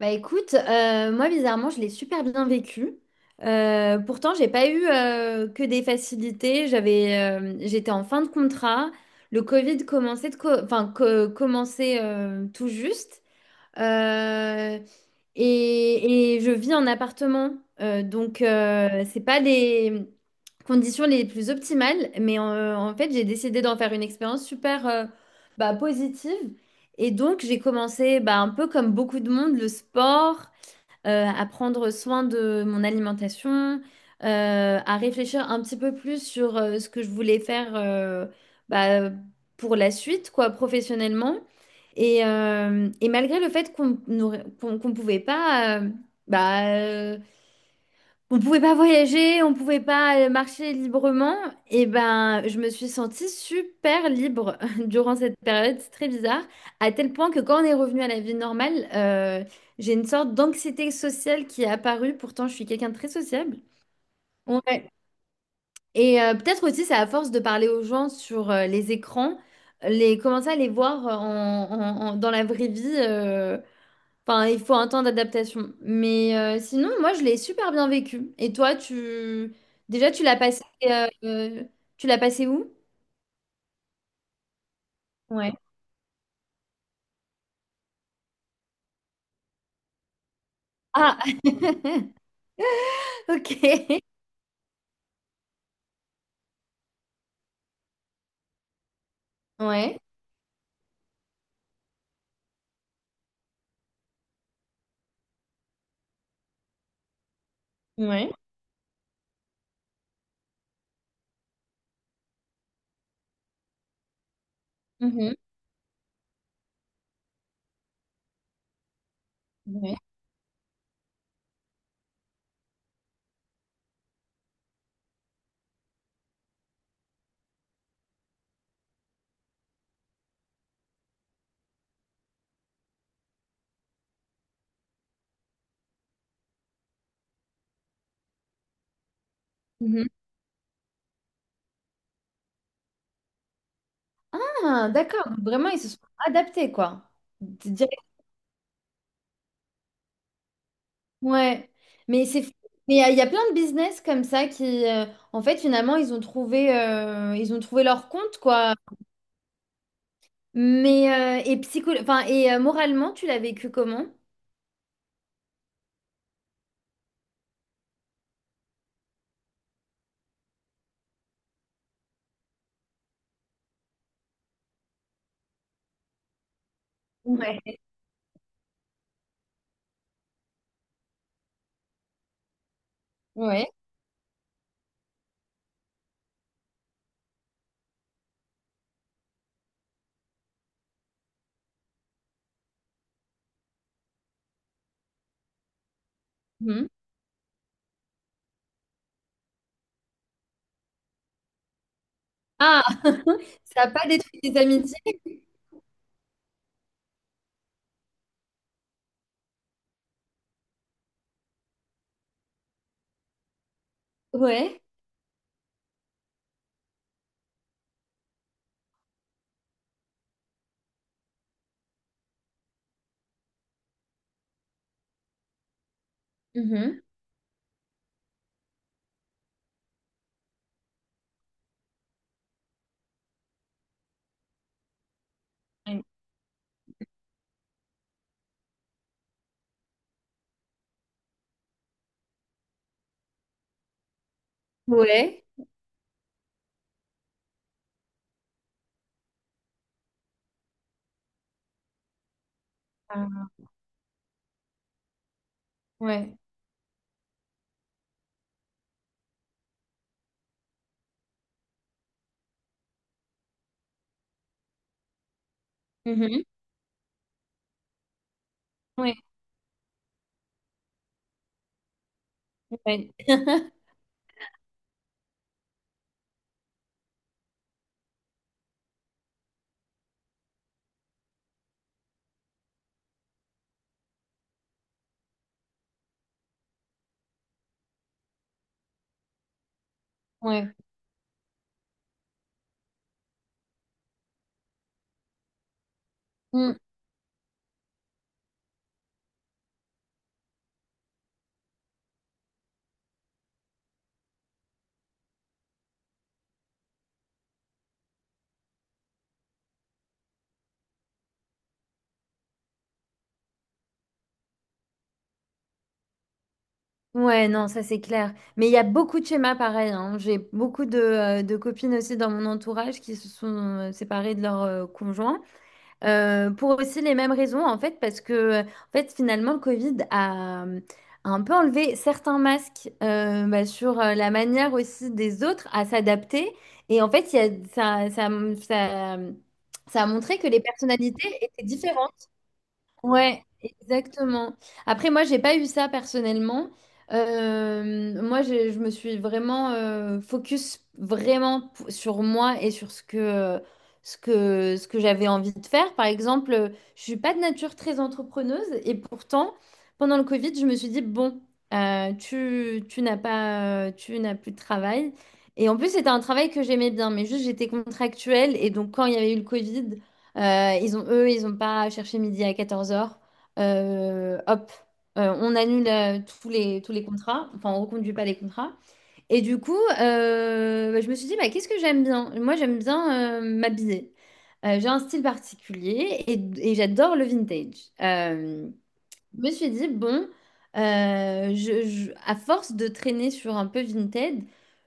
Bah écoute, moi bizarrement, je l'ai super bien vécu. Pourtant, j'ai pas eu que des facilités. J'étais en fin de contrat. Le Covid commençait de co- enfin, co- commençait tout juste. Euh, et je vis en appartement. C'est pas les conditions les plus optimales, mais en fait, j'ai décidé d'en faire une expérience super positive. Et donc, j'ai commencé bah, un peu comme beaucoup de monde, le sport à prendre soin de mon alimentation, à réfléchir un petit peu plus sur ce que je voulais faire bah, pour la suite, quoi, professionnellement. Et malgré le fait qu'on ne qu'on, qu'on pouvait pas bah, on pouvait pas voyager, on pouvait pas marcher librement. Et ben, je me suis sentie super libre durant cette période, c'est très bizarre. À tel point que quand on est revenu à la vie normale, j'ai une sorte d'anxiété sociale qui est apparue. Pourtant, je suis quelqu'un de très sociable. Ouais. Et peut-être aussi, c'est à force de parler aux gens sur les écrans, les commencer à les voir dans la vraie vie. Enfin, il faut un temps d'adaptation. Mais sinon, moi, je l'ai super bien vécu. Et toi, tu... Déjà, tu l'as passé où? Ouais. Ah, ok. Ouais. Ouais. Mhm. Ouais. Mhm. Ah, d'accord. Donc, vraiment, ils se sont adaptés, quoi. D- direct. Ouais. Mais c'est... Mais il y a plein de business comme ça qui... en fait, finalement, ils ont trouvé leur compte, quoi. Mais... et psycho... enfin, et moralement, tu l'as vécu comment? Ouais. Ouais. Mhm. Ah, ça n'a pas détruit des amitiés? Ouais. Mhm. Ouais. Ah. Ouais. Mhm. Ouais. Ouais. Ouais. Mm. Ouais, non, ça c'est clair. Mais il y a beaucoup de schémas pareils. Hein. J'ai beaucoup de copines aussi dans mon entourage qui se sont séparées de leur conjoint. Pour aussi les mêmes raisons, en fait, parce que en fait, finalement, le Covid a, a un peu enlevé certains masques sur la manière aussi des autres à s'adapter. Et en fait, il y a, ça, ça a montré que les personnalités étaient différentes. Ouais, exactement. Après, moi, j'ai pas eu ça personnellement. Je me suis vraiment focus sur moi et sur ce que j'avais envie de faire. Par exemple, je suis pas de nature très entrepreneuse et pourtant, pendant le Covid, je me suis dit bon, tu tu n'as pas tu n'as plus de travail. Et en plus, c'était un travail que j'aimais bien, mais juste j'étais contractuelle et donc quand il y avait eu le Covid. Ils ont, eux, ils n'ont pas cherché midi à 14h. Hop, on annule tous les contrats. Enfin, on reconduit pas les contrats. Et du coup, bah, je me suis dit, bah, qu'est-ce que j'aime bien? Moi, j'aime bien m'habiller. J'ai un style particulier et j'adore le vintage. Euh, je me suis dit, bon, à force de traîner sur un peu Vinted,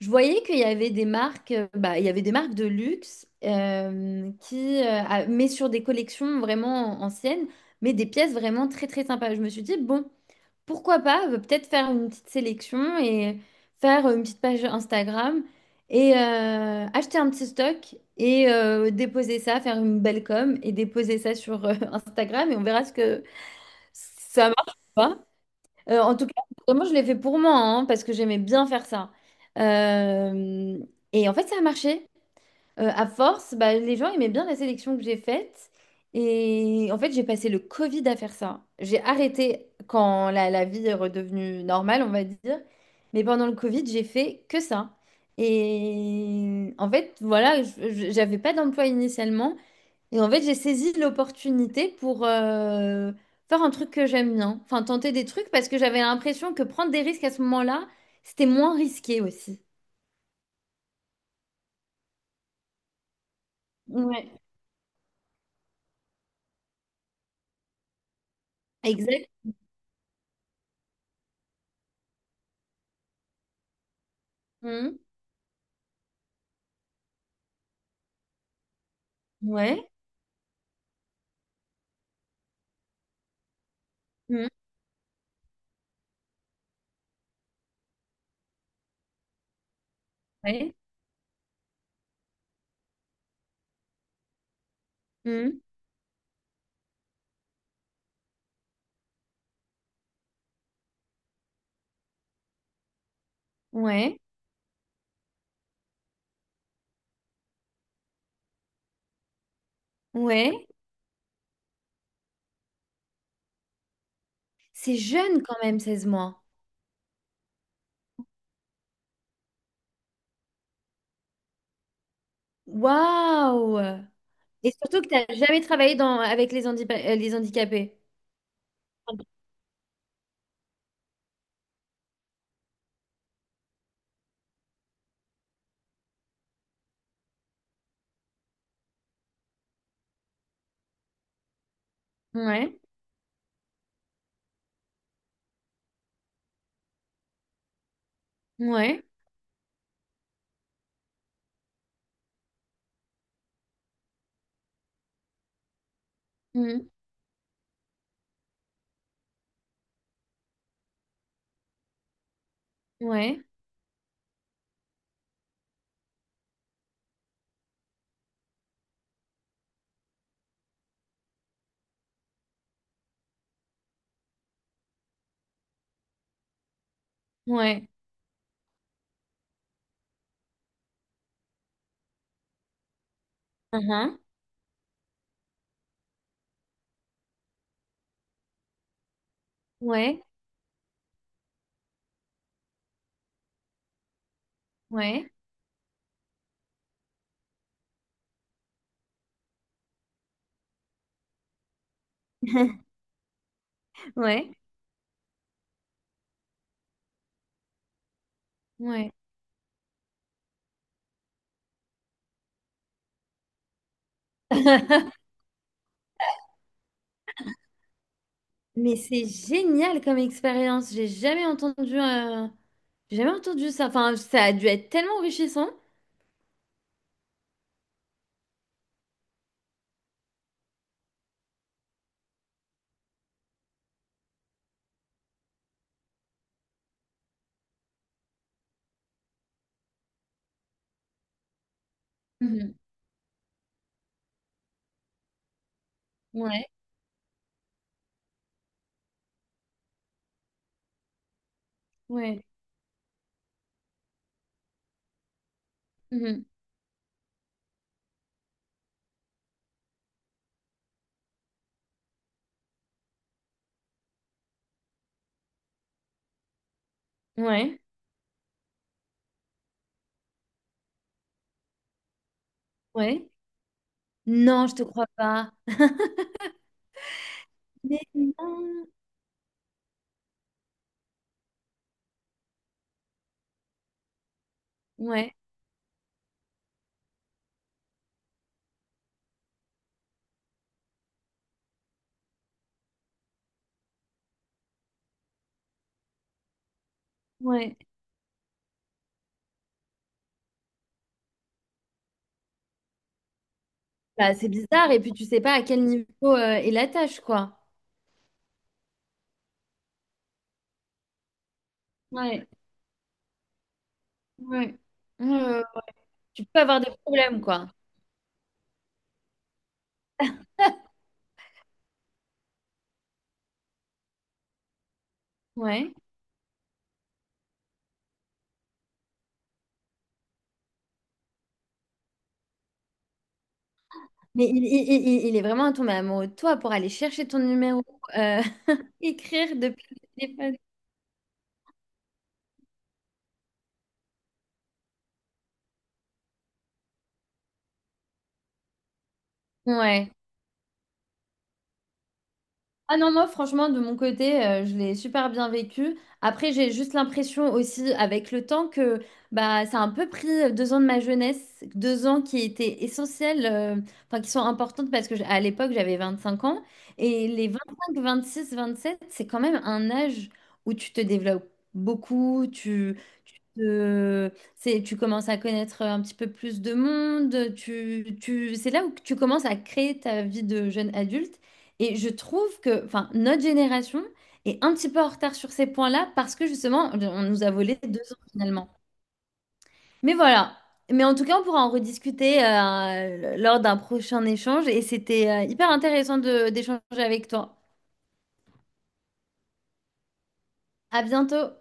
je voyais qu'il y avait des marques, il y avait des marques de luxe, mais sur des collections vraiment anciennes, mais des pièces vraiment très très sympas. Je me suis dit, bon, pourquoi pas, peut-être faire une petite sélection et faire une petite page Instagram et acheter un petit stock et déposer ça, faire une belle com et déposer ça sur Instagram et on verra ce que ça marche pas. En tout cas, moi, je l'ai fait pour moi, hein, parce que j'aimais bien faire ça. Euh, et en fait, ça a marché. À force, bah, les gens aimaient bien la sélection que j'ai faite. Et en fait, j'ai passé le Covid à faire ça. J'ai arrêté quand la vie est redevenue normale, on va dire. Mais pendant le Covid, j'ai fait que ça. Et en fait, voilà, j'avais pas d'emploi initialement. Et en fait, j'ai saisi l'opportunité pour faire un truc que j'aime bien. Enfin, tenter des trucs parce que j'avais l'impression que prendre des risques à ce moment-là, c'était moins risqué aussi. Ouais. Exact. Mhm. Ouais. Mhm. Ouais. Mhm. Ouais. Ouais. C'est jeune quand même, 16 mois. Waouh! Et surtout que tu n'as jamais travaillé dans, avec les, les handicapés. Ouais. Ouais. Mhm. Ouais. Ouais. Uhum. Ouais. Ouais. Ouais. Ouais. Mais c'est génial comme expérience. J'ai jamais entendu ça. Enfin, ça a dû être tellement enrichissant. Mhm. Ouais, ouais. Mhm. Ouais, ouais. Non, je te crois pas. Mais non. Ouais, ouais. Bah, c'est bizarre. Et puis, tu sais pas à quel niveau est la tâche, quoi. Ouais, ouais. Euh, Tu peux avoir des problèmes, quoi. Ouais. Mais il est vraiment tombé amoureux de toi pour aller chercher ton numéro, euh, écrire depuis le téléphone. Ouais. Ah non, moi, franchement, de mon côté, je l'ai super bien vécu. Après, j'ai juste l'impression aussi, avec le temps, que bah, ça a un peu pris 2 ans de ma jeunesse, 2 ans qui étaient essentiels, enfin, qui sont importantes parce que à l'époque, j'avais 25 ans. Et les 25, 26, 27, c'est quand même un âge où tu te développes beaucoup, tu commences à connaître un petit peu plus de monde, c'est là où tu commences à créer ta vie de jeune adulte. Et je trouve que, enfin, notre génération est un petit peu en retard sur ces points-là parce que justement, on nous a volé 2 ans finalement. Mais voilà. Mais en tout cas, on pourra en rediscuter lors d'un prochain échange et c'était hyper intéressant de d'échanger avec toi. À bientôt.